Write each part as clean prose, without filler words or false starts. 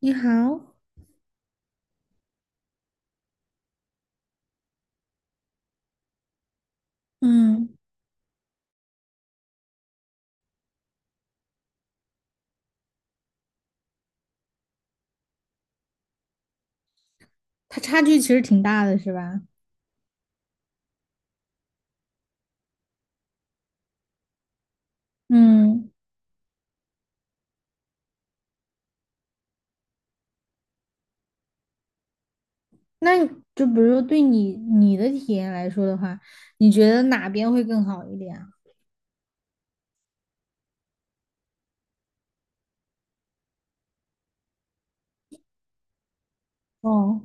你好，嗯，它差距其实挺大的，是吧？嗯，那你就比如说对你的体验来说的话，你觉得哪边会更好一点啊？哦，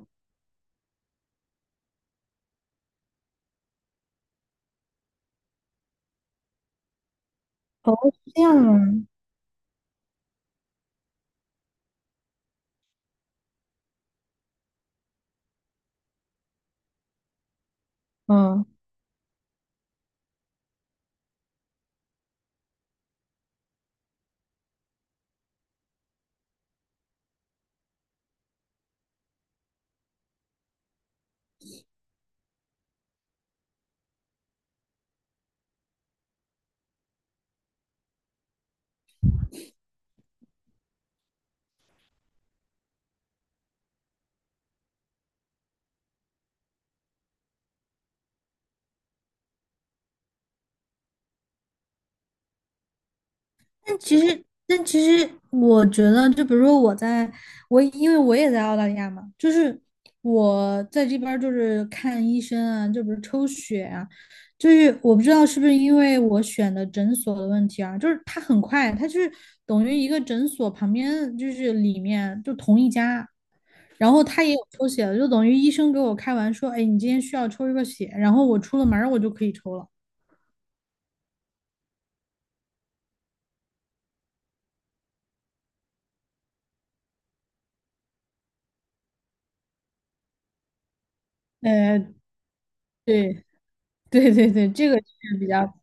哦，是这样啊，但其实，我觉得，就比如说我在，我因为我也在澳大利亚嘛，就是我在这边儿就是看医生啊，就比如抽血啊，就是我不知道是不是因为我选的诊所的问题啊，就是它很快，它就是等于一个诊所旁边就是里面就同一家，然后他也有抽血的，就等于医生给我开完说，哎，你今天需要抽一个血，然后我出了门儿我就可以抽了。呃，对对对对，这个是比较。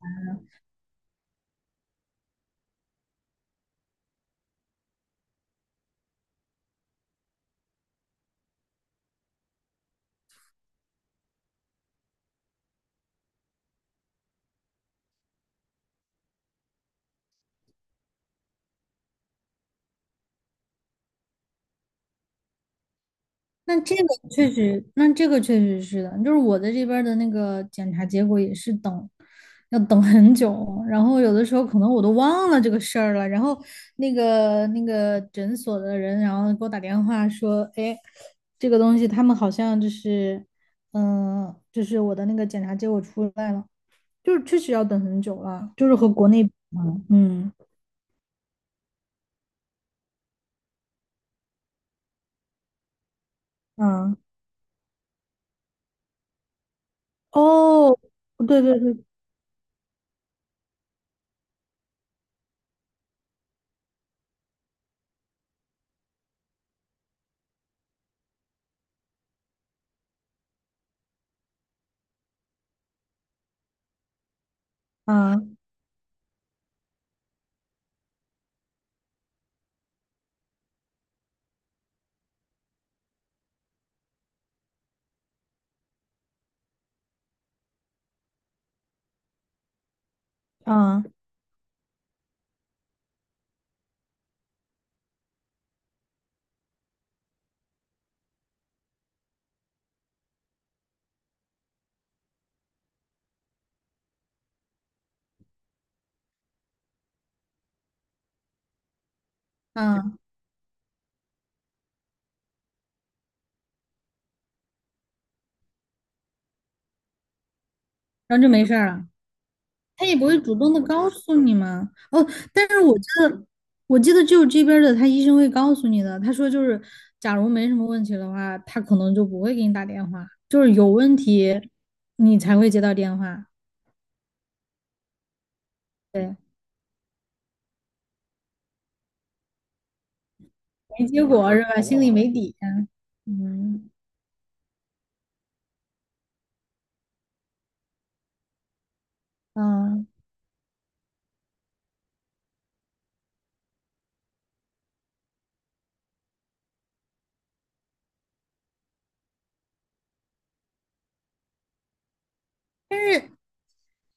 那这个那这个确实是的，就是我的这边儿的那个检查结果也是等，要等很久，然后有的时候可能我都忘了这个事儿了，然后那个诊所的人，然后给我打电话说，哎，这个东西他们好像就是，就是我的那个检查结果出来了，就是确实要等很久了，就是和国内比嘛，嗯嗯，啊哦，对对对，啊啊啊，然后就没事儿了。他也不会主动的告诉你吗？哦，但是我记得只有这边儿的他医生会告诉你的。他说就是，假如没什么问题的话，他可能就不会给你打电话，就是有问题你才会接到电话，没结果是吧？心里没底啊。嗯嗯，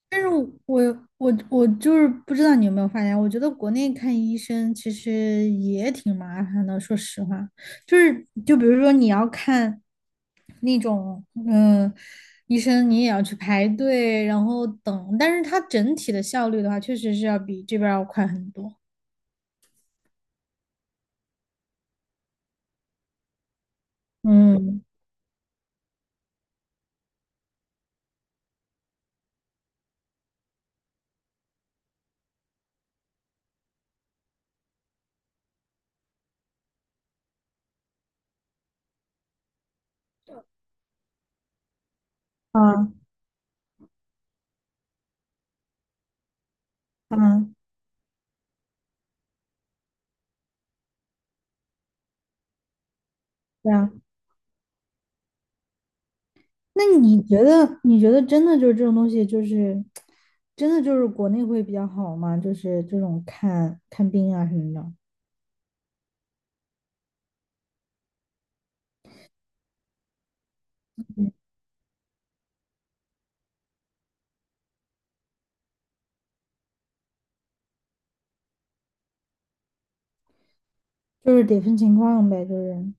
但是我就是不知道你有没有发现，我觉得国内看医生其实也挺麻烦的。说实话，就是就比如说你要看那种医生，你也要去排队，然后等。但是它整体的效率的话，确实是要比这边儿要快很多。嗯，啊啊，对啊。那你觉得真的就是这种东西，就是真的就是国内会比较好吗？就是这种看看病啊什么的。嗯，就是得分情况呗，就是，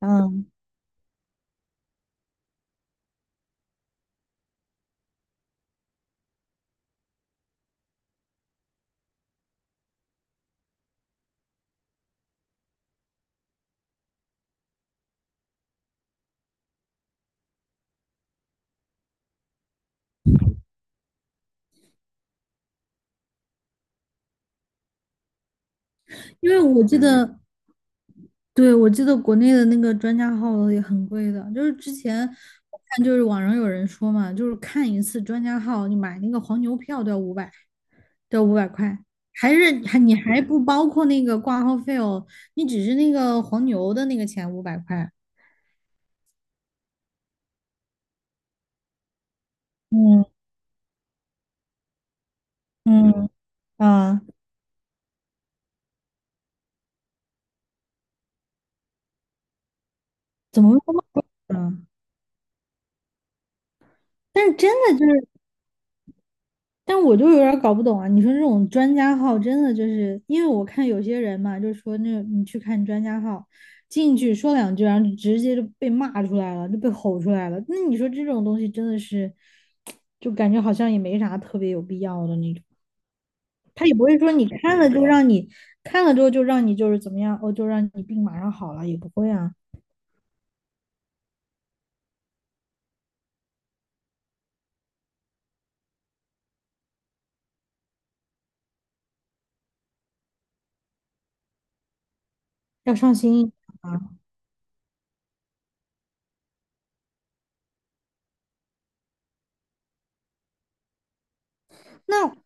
嗯，因为我记得，对，我记得国内的那个专家号也很贵的，就是之前我看就是网上有人说嘛，就是看一次专家号，你买那个黄牛票都要五百，都要五百块，还是还你还不包括那个挂号费哦，你只是那个黄牛的那个钱五百块。嗯嗯啊，怎么会这么贵呢？但是。真的就但我就有点儿搞不懂啊！你说这种专家号，真的就是因为我看有些人嘛，就说那你去看专家号，进去说两句，然后就直接就被骂出来了，就被吼出来了。那你说这种东西真的是，就感觉好像也没啥特别有必要的那种。他也不会说你看了就让你看了之后就让你就是怎么样，哦，就让你病马上好了，也不会啊，要上心一点啊。那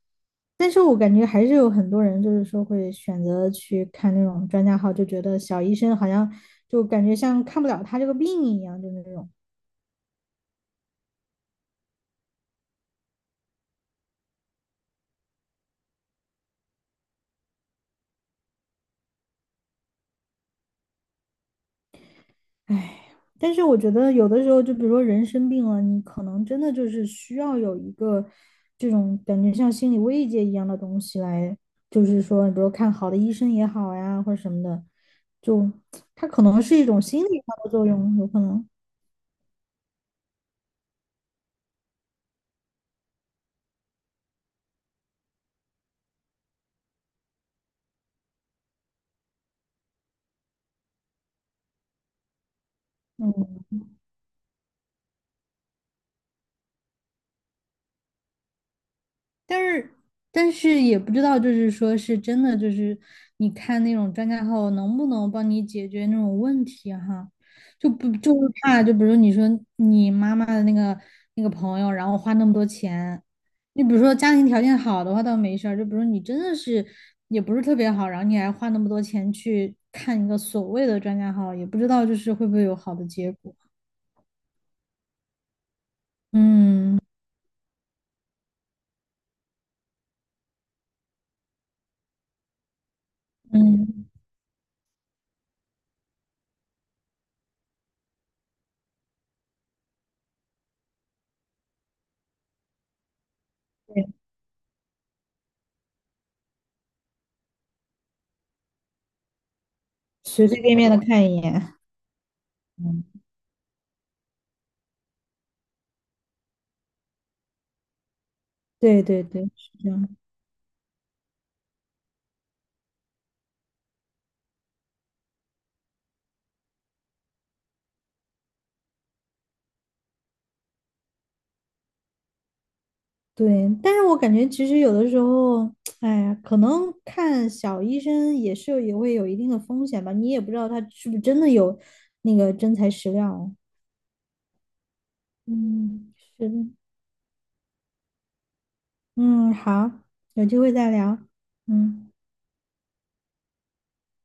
但是我感觉还是有很多人，就是说会选择去看那种专家号，就觉得小医生好像就感觉像看不了他这个病一样，就是那种，唉。但是我觉得有的时候，就比如说人生病了，你可能真的就是需要有一个这种感觉像心理慰藉一样的东西来，就是说，比如看好的医生也好呀，或者什么的，就他可能是一种心理上的作用，有可能，嗯。但是但是也不知道，就是说是真的，就是你看那种专家号能不能帮你解决那种问题哈，就不就是怕，就比如你说你妈妈的那个朋友，然后花那么多钱，你比如说家庭条件好的话倒没事儿，就比如你真的是也不是特别好，然后你还花那么多钱去看一个所谓的专家号，也不知道就是会不会有好的结果。嗯嗯，对，随随便便的看一眼。嗯，对对对，是这样。对，但是我感觉其实有的时候，哎呀，可能看小医生也是也会有一定的风险吧，你也不知道他是不是真的有那个真材实料。嗯，是的，嗯，好，有机会再聊。嗯。